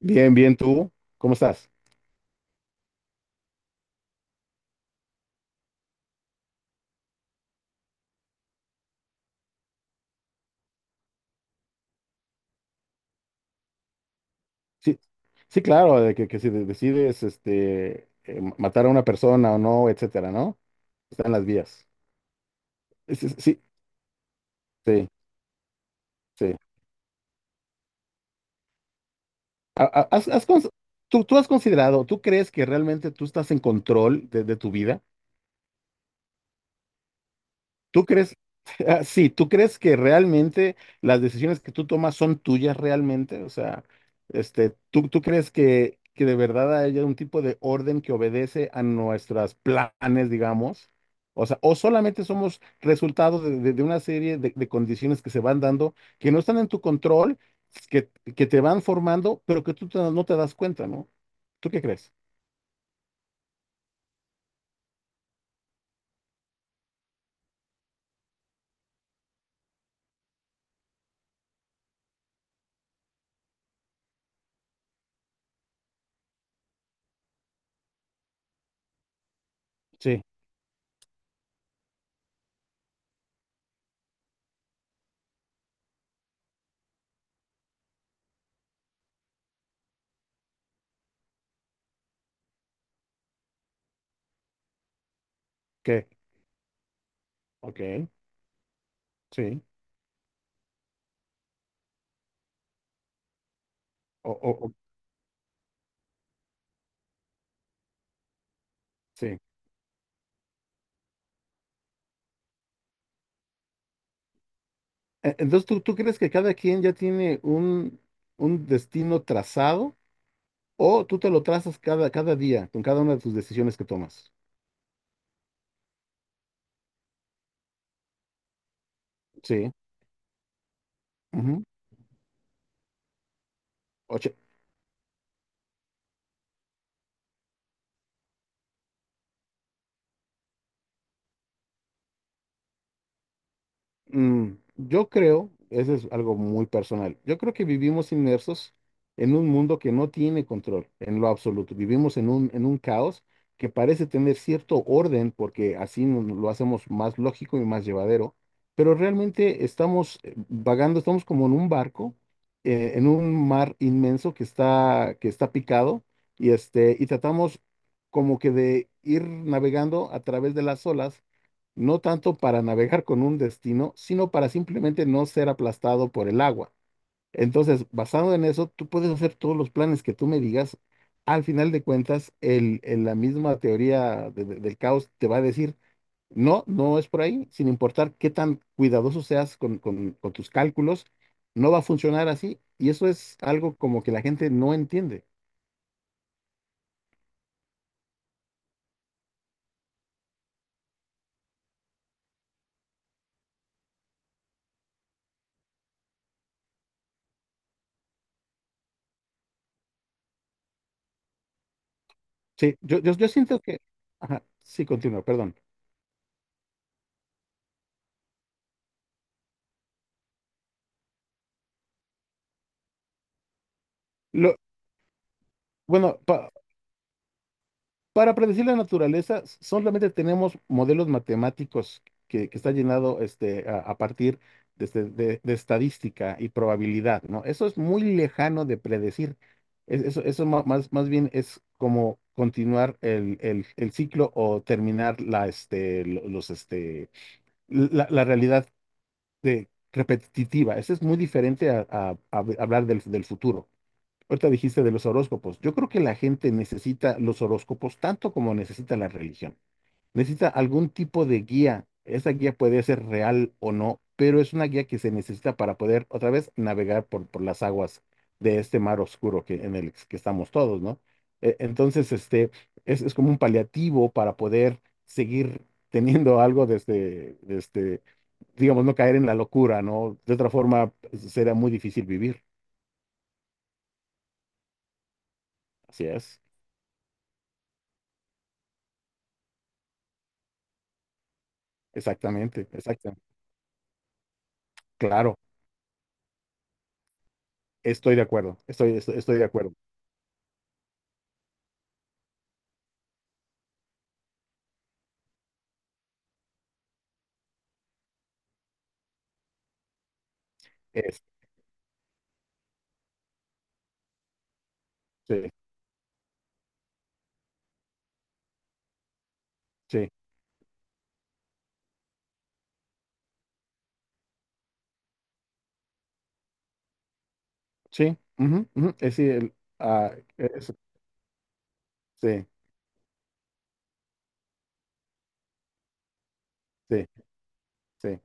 Bien, bien, tú, ¿cómo estás? Sí, sí, claro, de que si de- decides matar a una persona o no, etcétera, ¿no? Están las vías. Sí, sí, sí. Ha- ha- has- has cons- ¿tú has considerado, tú crees que realmente tú estás en control de tu vida? ¿Tú crees, ah, sí, tú crees que realmente las decisiones que tú tomas son tuyas realmente? O sea, ¿tú crees que de verdad haya un tipo de orden que obedece a nuestros planes, digamos? O sea, o solamente somos resultados de una serie de condiciones que se van dando, que no están en tu control, que, que te van formando, pero que no te das cuenta, ¿no? ¿Tú qué crees? Sí, ¿qué? Ok, sí, o, o, o- sí. Entonces, ¿tú crees que cada quien ya tiene un destino trazado o tú te lo trazas cada día con cada una de tus decisiones que tomas? Sí. Ujú. Mm, yo creo, eso es algo muy personal. Yo creo que vivimos inmersos en un mundo que no tiene control en lo absoluto. Vivimos en un caos que parece tener cierto orden porque lo hacemos más lógico y más llevadero, pero realmente estamos vagando, estamos como en un barco, en un mar inmenso que está picado y y tratamos como que de ir navegando a través de las olas, no tanto para navegar con un destino, sino para simplemente no ser aplastado por el agua. Entonces, basado en eso, tú puedes hacer todos los planes que tú me digas. Al final de cuentas, la misma teoría del caos te va a decir no, no es por ahí, sin importar qué tan cuidadoso seas con tus cálculos, no va a funcionar así. Y eso es algo como que la gente no entiende. Sí, yo siento que... Ajá, sí, continúa, perdón. Lo, bueno, pa- Para predecir la naturaleza solamente tenemos modelos matemáticos que está llenado a partir de, de estadística y probabilidad, ¿no? Eso es muy lejano de predecir. Eso más bien es como continuar el ciclo o terminar la, este, lo- los, este, la realidad repetitiva. Eso es muy diferente a, a hablar del del futuro. Ahorita dijiste de los horóscopos. Yo creo que la gente necesita los horóscopos tanto como necesita la religión. Necesita algún tipo de guía. Esa guía puede ser real o no, pero es una guía que se necesita para poder otra vez navegar por las aguas de este mar oscuro que, en el que estamos todos, ¿no? Entonces, es como un paliativo para poder seguir teniendo algo desde, digamos, no caer en la locura, ¿no? De otra forma, será muy difícil vivir. Así es. Exactamente, exactamente. Claro, estoy de acuerdo, estoy de acuerdo. Es, sí, sí, sí, ujú, ujú, es, sí, el, ah, es- Sí, sí, sí.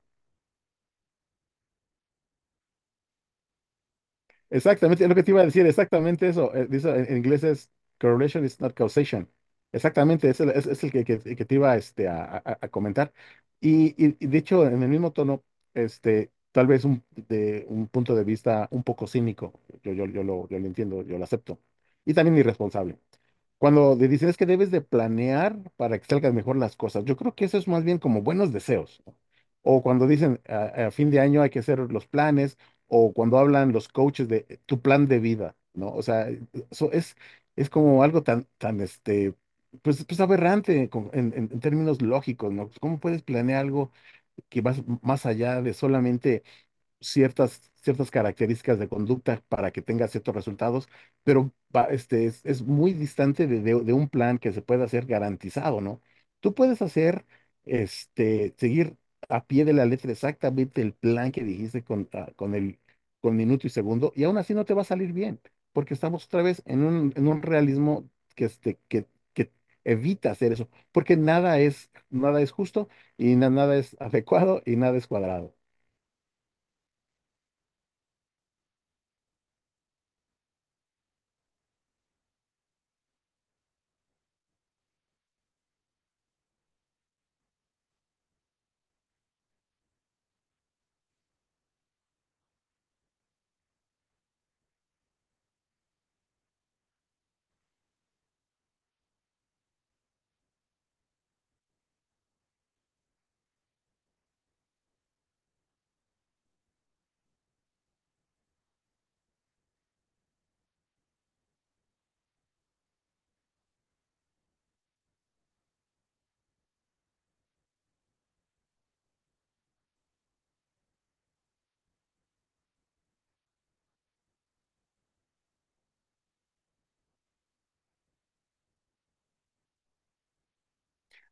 Exactamente, es lo que te iba a decir, exactamente eso. Dice, en inglés es correlation is not causation. Exactamente, es es el que te iba a comentar. Y de hecho, en el mismo tono, tal vez de un punto de vista un poco cínico, yo lo entiendo, yo lo acepto, y también irresponsable. Cuando te dicen es que debes de planear para que salgan mejor las cosas, yo creo que eso es más bien como buenos deseos, ¿no? O cuando dicen a fin de año hay que hacer los planes, o cuando hablan los coaches de tu plan de vida, ¿no? O sea, eso es como algo tan pues, pues aberrante en términos lógicos, ¿no? Pues, ¿cómo puedes planear algo que va más allá de solamente ciertas características de conducta para que tenga ciertos resultados, pero es muy distante de, de un plan que se pueda hacer garantizado, ¿no? Tú puedes hacer, seguir a pie de la letra exactamente el plan que dijiste con, con el con minuto y segundo, y aún así no te va a salir bien, porque estamos otra vez en un realismo que que evita hacer eso, porque nada es, nada es justo y nada es adecuado y nada es cuadrado.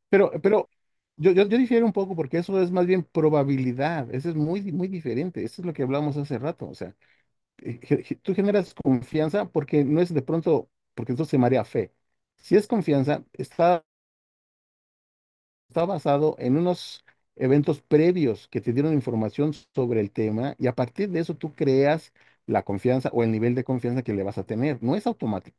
Pero yo difiero un poco porque eso es más bien probabilidad, eso es muy diferente, eso es lo que hablábamos hace rato. O sea, tú generas confianza porque no es de pronto, porque entonces se marea fe. Si es confianza, está basado en unos eventos previos que te dieron información sobre el tema y a partir de eso tú creas la confianza o el nivel de confianza que le vas a tener, no es automático.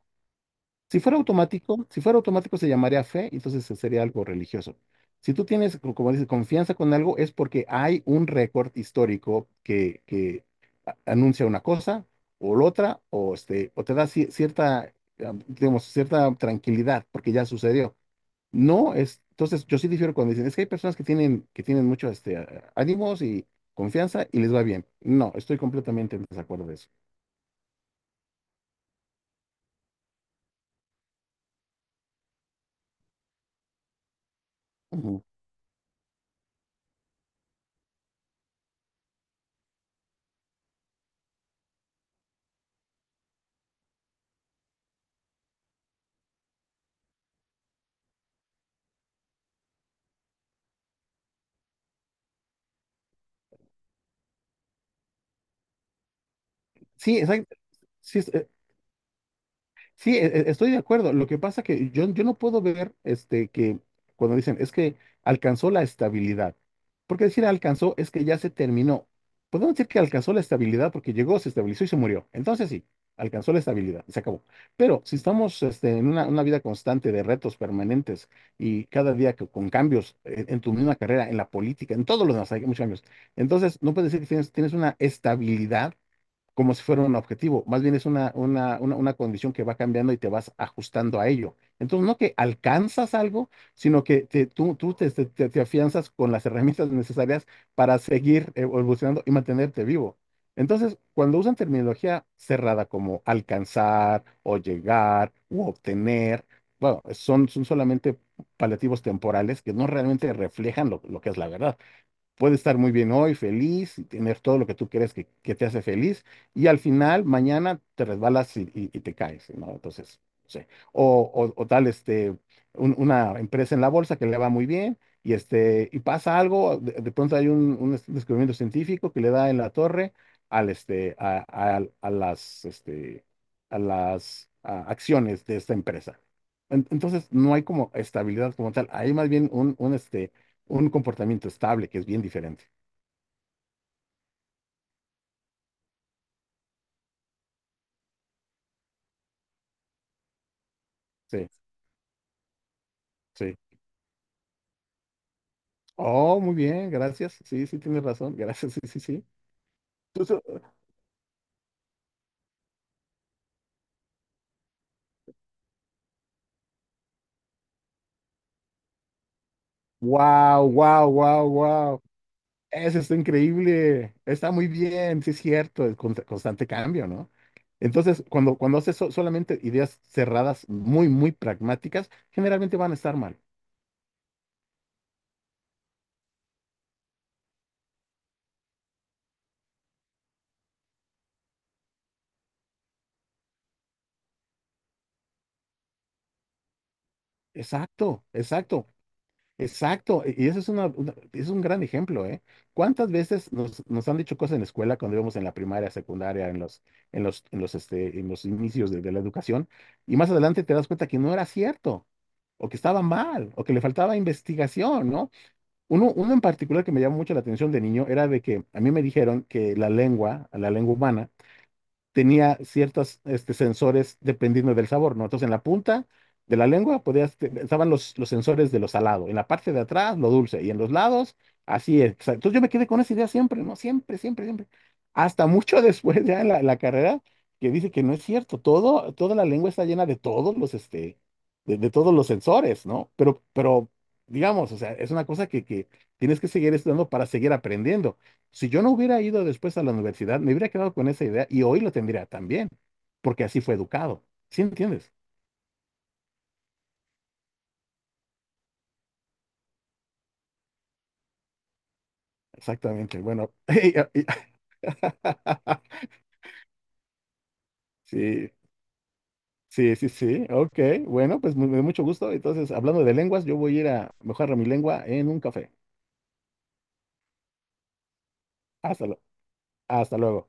Si fuera automático se llamaría fe, y entonces sería algo religioso. Si tú tienes, como dices, confianza con algo, es porque hay un récord histórico que anuncia una cosa o la otra, o, este, o te da cierta, ah, digamos, cierta tranquilidad porque ya sucedió. No es, entonces yo sí difiero cuando dicen es que hay personas que tienen mucho ánimos y confianza y les va bien. No, estoy completamente en desacuerdo de eso. Ujú. Sí, exacto. Sí, estoy de acuerdo. Lo que pasa que yo no puedo ver que cuando dicen es que alcanzó la estabilidad. Porque decir alcanzó es que ya se terminó. Podemos decir que alcanzó la estabilidad porque llegó, se estabilizó y se murió. Entonces sí, alcanzó la estabilidad, se acabó. Pero si estamos en una vida constante de retos permanentes y cada día con cambios tu misma carrera, en la política, en todos los demás, hay muchos cambios. Entonces no puedes decir que tienes, tienes una estabilidad como si fuera un objetivo, más bien es una, una condición que va cambiando y te vas ajustando a ello. Entonces, no que alcanzas algo, sino que tú te, te afianzas con las herramientas necesarias para seguir evolucionando y mantenerte vivo. Entonces, cuando usan terminología cerrada como alcanzar o llegar u obtener, bueno, son solamente paliativos temporales que no realmente reflejan lo que es la verdad. Puede estar muy bien hoy, feliz, y tener todo lo que tú crees que te hace feliz, y al final, mañana te resbalas y, y te caes, ¿no? Entonces, no sé. O tal, este, una empresa en la bolsa que le va muy bien, y, este, y pasa algo. De pronto hay un descubrimiento científico que le da en la torre al, a las, a las acciones de esta empresa. Entonces, no hay como estabilidad como tal, hay más bien un, un un comportamiento estable, que es bien diferente. Sí, sí. Oh, muy bien, gracias. Sí, sí, tienes razón. Gracias, sí, sí, sí. Wow, wow, wow, wow. Eso está increíble. Está muy bien, sí es cierto, el constante cambio, ¿no? Entonces, cuando, cuando haces solamente ideas cerradas, muy, muy pragmáticas, generalmente van a estar mal. Exacto, exacto. Exacto, y eso es una, es un gran ejemplo, ¿eh? ¿Cuántas veces nos, nos han dicho cosas en la escuela cuando íbamos en la primaria, secundaria, en los, en los inicios de la educación? Y más adelante te das cuenta que no era cierto, o que estaba mal, o que le faltaba investigación, ¿no? Uno en particular que me llamó mucho la atención de niño era de que a mí me dijeron que la lengua humana, tenía ciertos sensores dependiendo del sabor, ¿no? Entonces, en la punta de la lengua podías, estaban los sensores de lo salado, en la parte de atrás lo dulce y en los lados, así es. Entonces, yo me quedé con esa idea siempre, ¿no? Siempre, siempre, siempre. Hasta mucho después ya en la, la carrera, que dice que no es cierto. Todo, toda la lengua está llena de todos los, de todos los sensores, ¿no? Pero, digamos, o sea, es una cosa que tienes que seguir estudiando para seguir aprendiendo. Si yo no hubiera ido después a la universidad, me hubiera quedado con esa idea y hoy lo tendría también, porque así fue educado. ¿Sí entiendes? Exactamente. Bueno, sí, sí, sí, sí. Ok, bueno, pues me da mucho gusto. Entonces, hablando de lenguas, yo voy a ir a mejorar mi lengua en un café. Hasta, lu- Hasta luego.